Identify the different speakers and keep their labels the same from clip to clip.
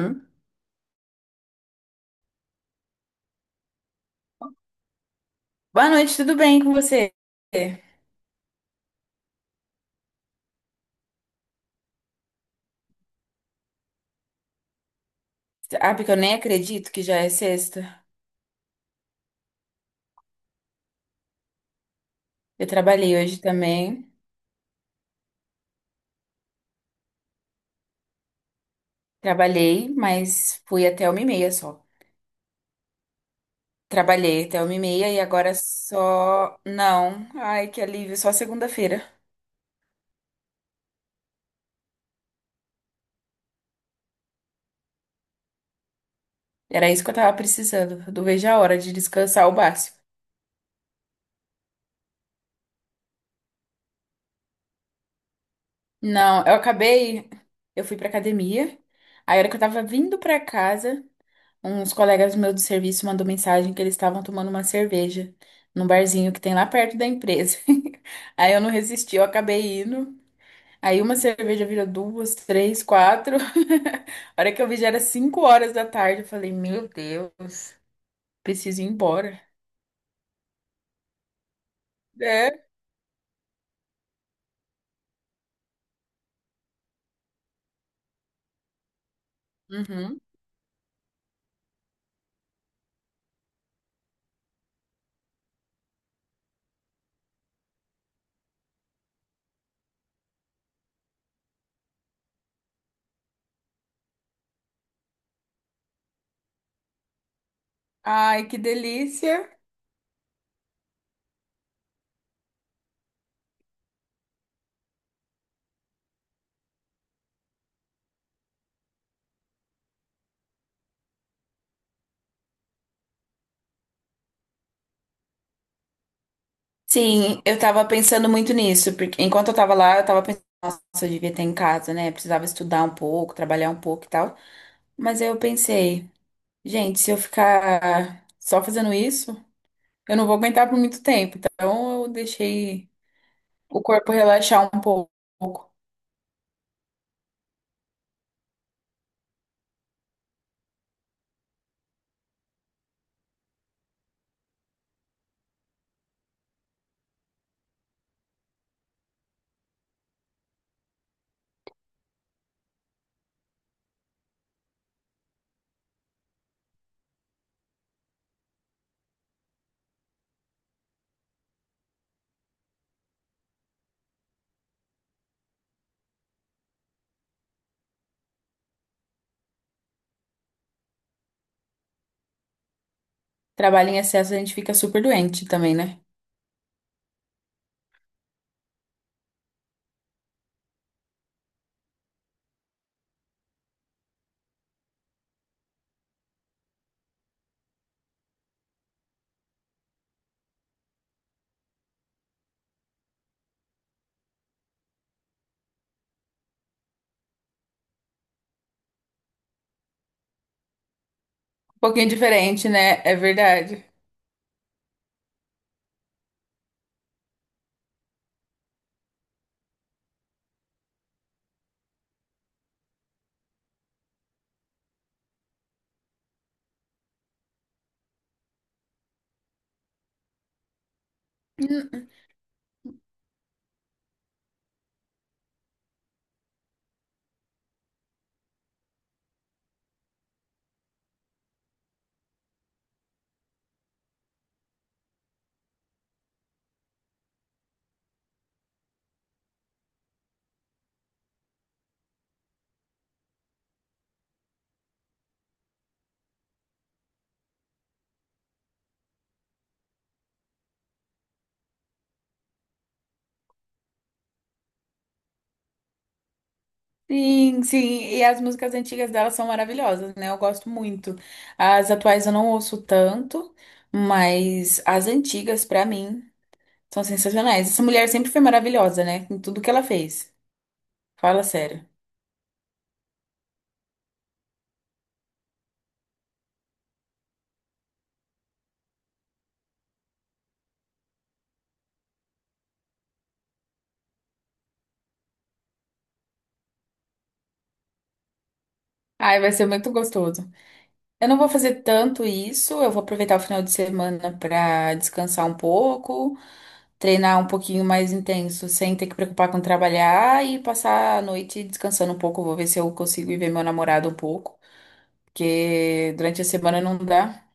Speaker 1: Hum? Boa noite, tudo bem com você? Ah, porque eu nem acredito que já é sexta. Eu trabalhei hoje também. Trabalhei, mas fui até 1h30 só. Trabalhei até 1h30 e agora só. Não. Ai, que alívio, só segunda-feira. Era isso que eu tava precisando. Eu não vejo a hora de descansar o básico. Não, eu acabei. Eu fui pra academia. Aí, a hora que eu tava vindo pra casa. Uns colegas meus do serviço mandou mensagem que eles estavam tomando uma cerveja num barzinho que tem lá perto da empresa. Aí eu não resisti, eu acabei indo. Aí uma cerveja virou duas, três, quatro. A hora que eu vi já era 5 horas da tarde. Eu falei, meu Deus, preciso ir embora. É. Uhum. Ai, que delícia. Sim, eu tava pensando muito nisso, porque enquanto eu tava lá, eu tava pensando, nossa, eu devia ter em casa, né? Precisava estudar um pouco, trabalhar um pouco e tal. Mas aí eu pensei. Gente, se eu ficar só fazendo isso, eu não vou aguentar por muito tempo. Então, eu deixei o corpo relaxar um pouco. Trabalho em excesso, a gente fica super doente também, né? Um pouquinho diferente, né? É verdade. Sim, sim. E as músicas antigas dela são maravilhosas, né? Eu gosto muito. As atuais eu não ouço tanto, mas as antigas, pra mim, são sensacionais. Essa mulher sempre foi maravilhosa, né? Em tudo que ela fez. Fala sério. Ai, vai ser muito gostoso. Eu não vou fazer tanto isso, eu vou aproveitar o final de semana para descansar um pouco, treinar um pouquinho mais intenso, sem ter que preocupar com trabalhar e passar a noite descansando um pouco. Vou ver se eu consigo ir ver meu namorado um pouco, porque durante a semana não dá.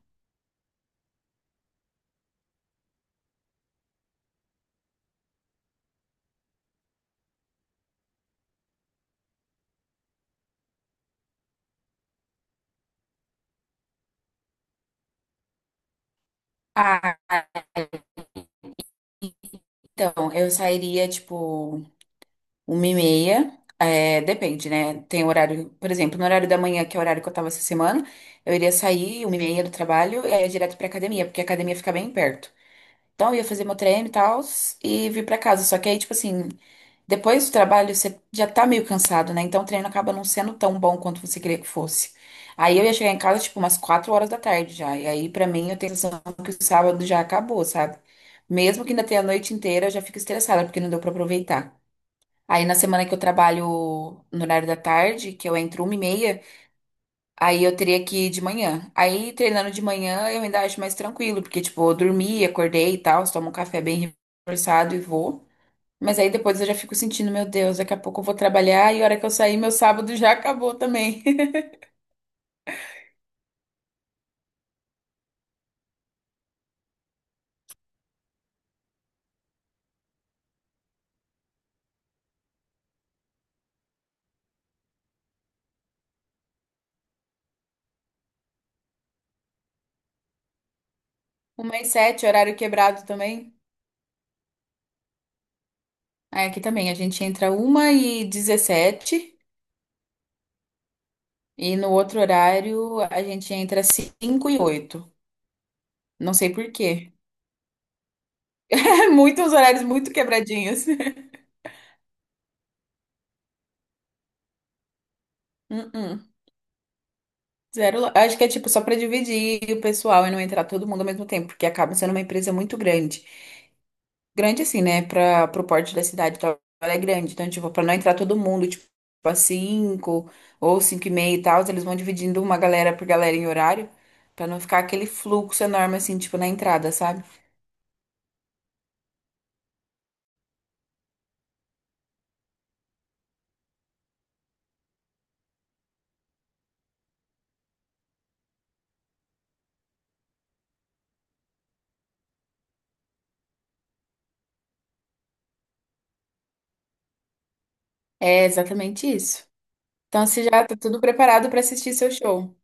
Speaker 1: Ah, então, eu sairia tipo 1h30, é, depende, né? Tem horário, por exemplo, no horário da manhã, que é o horário que eu tava essa semana, eu iria sair 1h30 do trabalho e aí ia direto pra academia, porque a academia fica bem perto. Então, eu ia fazer meu treino e tal, e vir pra casa. Só que aí, tipo assim, depois do trabalho, você já tá meio cansado, né? Então, o treino acaba não sendo tão bom quanto você queria que fosse. Aí, eu ia chegar em casa, tipo, umas 4 horas da tarde já. E aí, pra mim, eu tenho a sensação que o sábado já acabou, sabe? Mesmo que ainda tenha a noite inteira, eu já fico estressada, porque não deu pra aproveitar. Aí, na semana que eu trabalho no horário da tarde, que eu entro 1h30. Aí eu teria que ir de manhã. Aí treinando de manhã eu ainda acho mais tranquilo, porque tipo, eu dormi, acordei e tal, tomo um café bem reforçado e vou. Mas aí depois eu já fico sentindo, meu Deus, daqui a pouco eu vou trabalhar e a hora que eu sair, meu sábado já acabou também. 1h07, horário quebrado também. Aí aqui também, a gente entra 1h17 e no outro horário a gente entra 5h08. Não sei por quê. Muitos horários muito quebradinhos. Uh-uh. Zero, acho que é tipo só para dividir o pessoal e não entrar todo mundo ao mesmo tempo, porque acaba sendo uma empresa muito grande. Grande assim, né? Para pro porte da cidade, tal, ela é grande. Então, tipo, para não entrar todo mundo, tipo, a 5h ou 5h30 e tal, eles vão dividindo uma galera por galera em horário, para não ficar aquele fluxo enorme assim, tipo, na entrada, sabe? É exatamente isso. Então, você já tá tudo preparado para assistir seu show.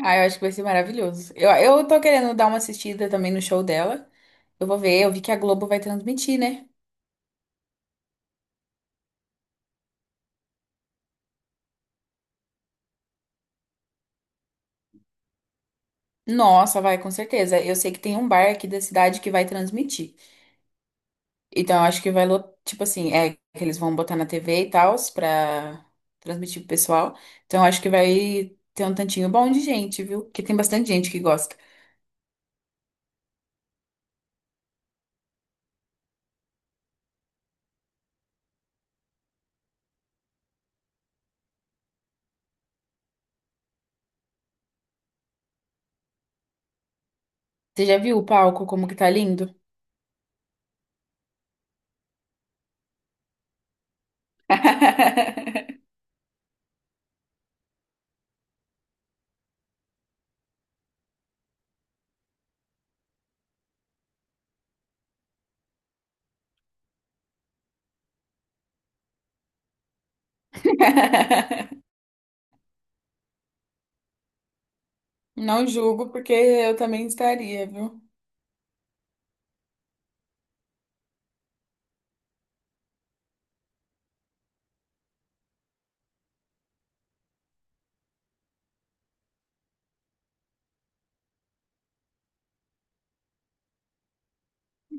Speaker 1: Ah, eu acho que vai ser maravilhoso. Eu tô querendo dar uma assistida também no show dela. Eu vou ver, eu vi que a Globo vai transmitir, né? Nossa, vai, com certeza. Eu sei que tem um bar aqui da cidade que vai transmitir. Então, eu acho que vai, tipo assim, é que eles vão botar na TV e tal, pra transmitir pro pessoal. Então, eu acho que vai ter um tantinho bom de gente, viu? Porque tem bastante gente que gosta. Você já viu o palco, como que tá lindo? Não julgo, porque eu também estaria, viu?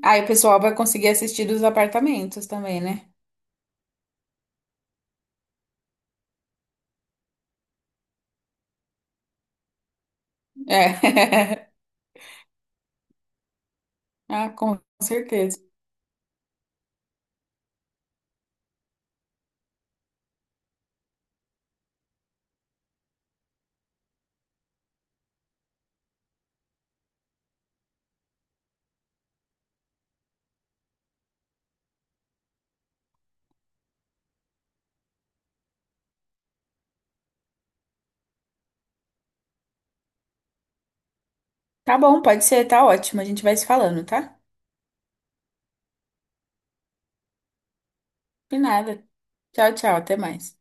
Speaker 1: Aí o pessoal vai conseguir assistir dos apartamentos também, né? É. Ah, com certeza. Tá bom, pode ser, tá ótimo. A gente vai se falando, tá? De nada. Tchau, tchau, até mais.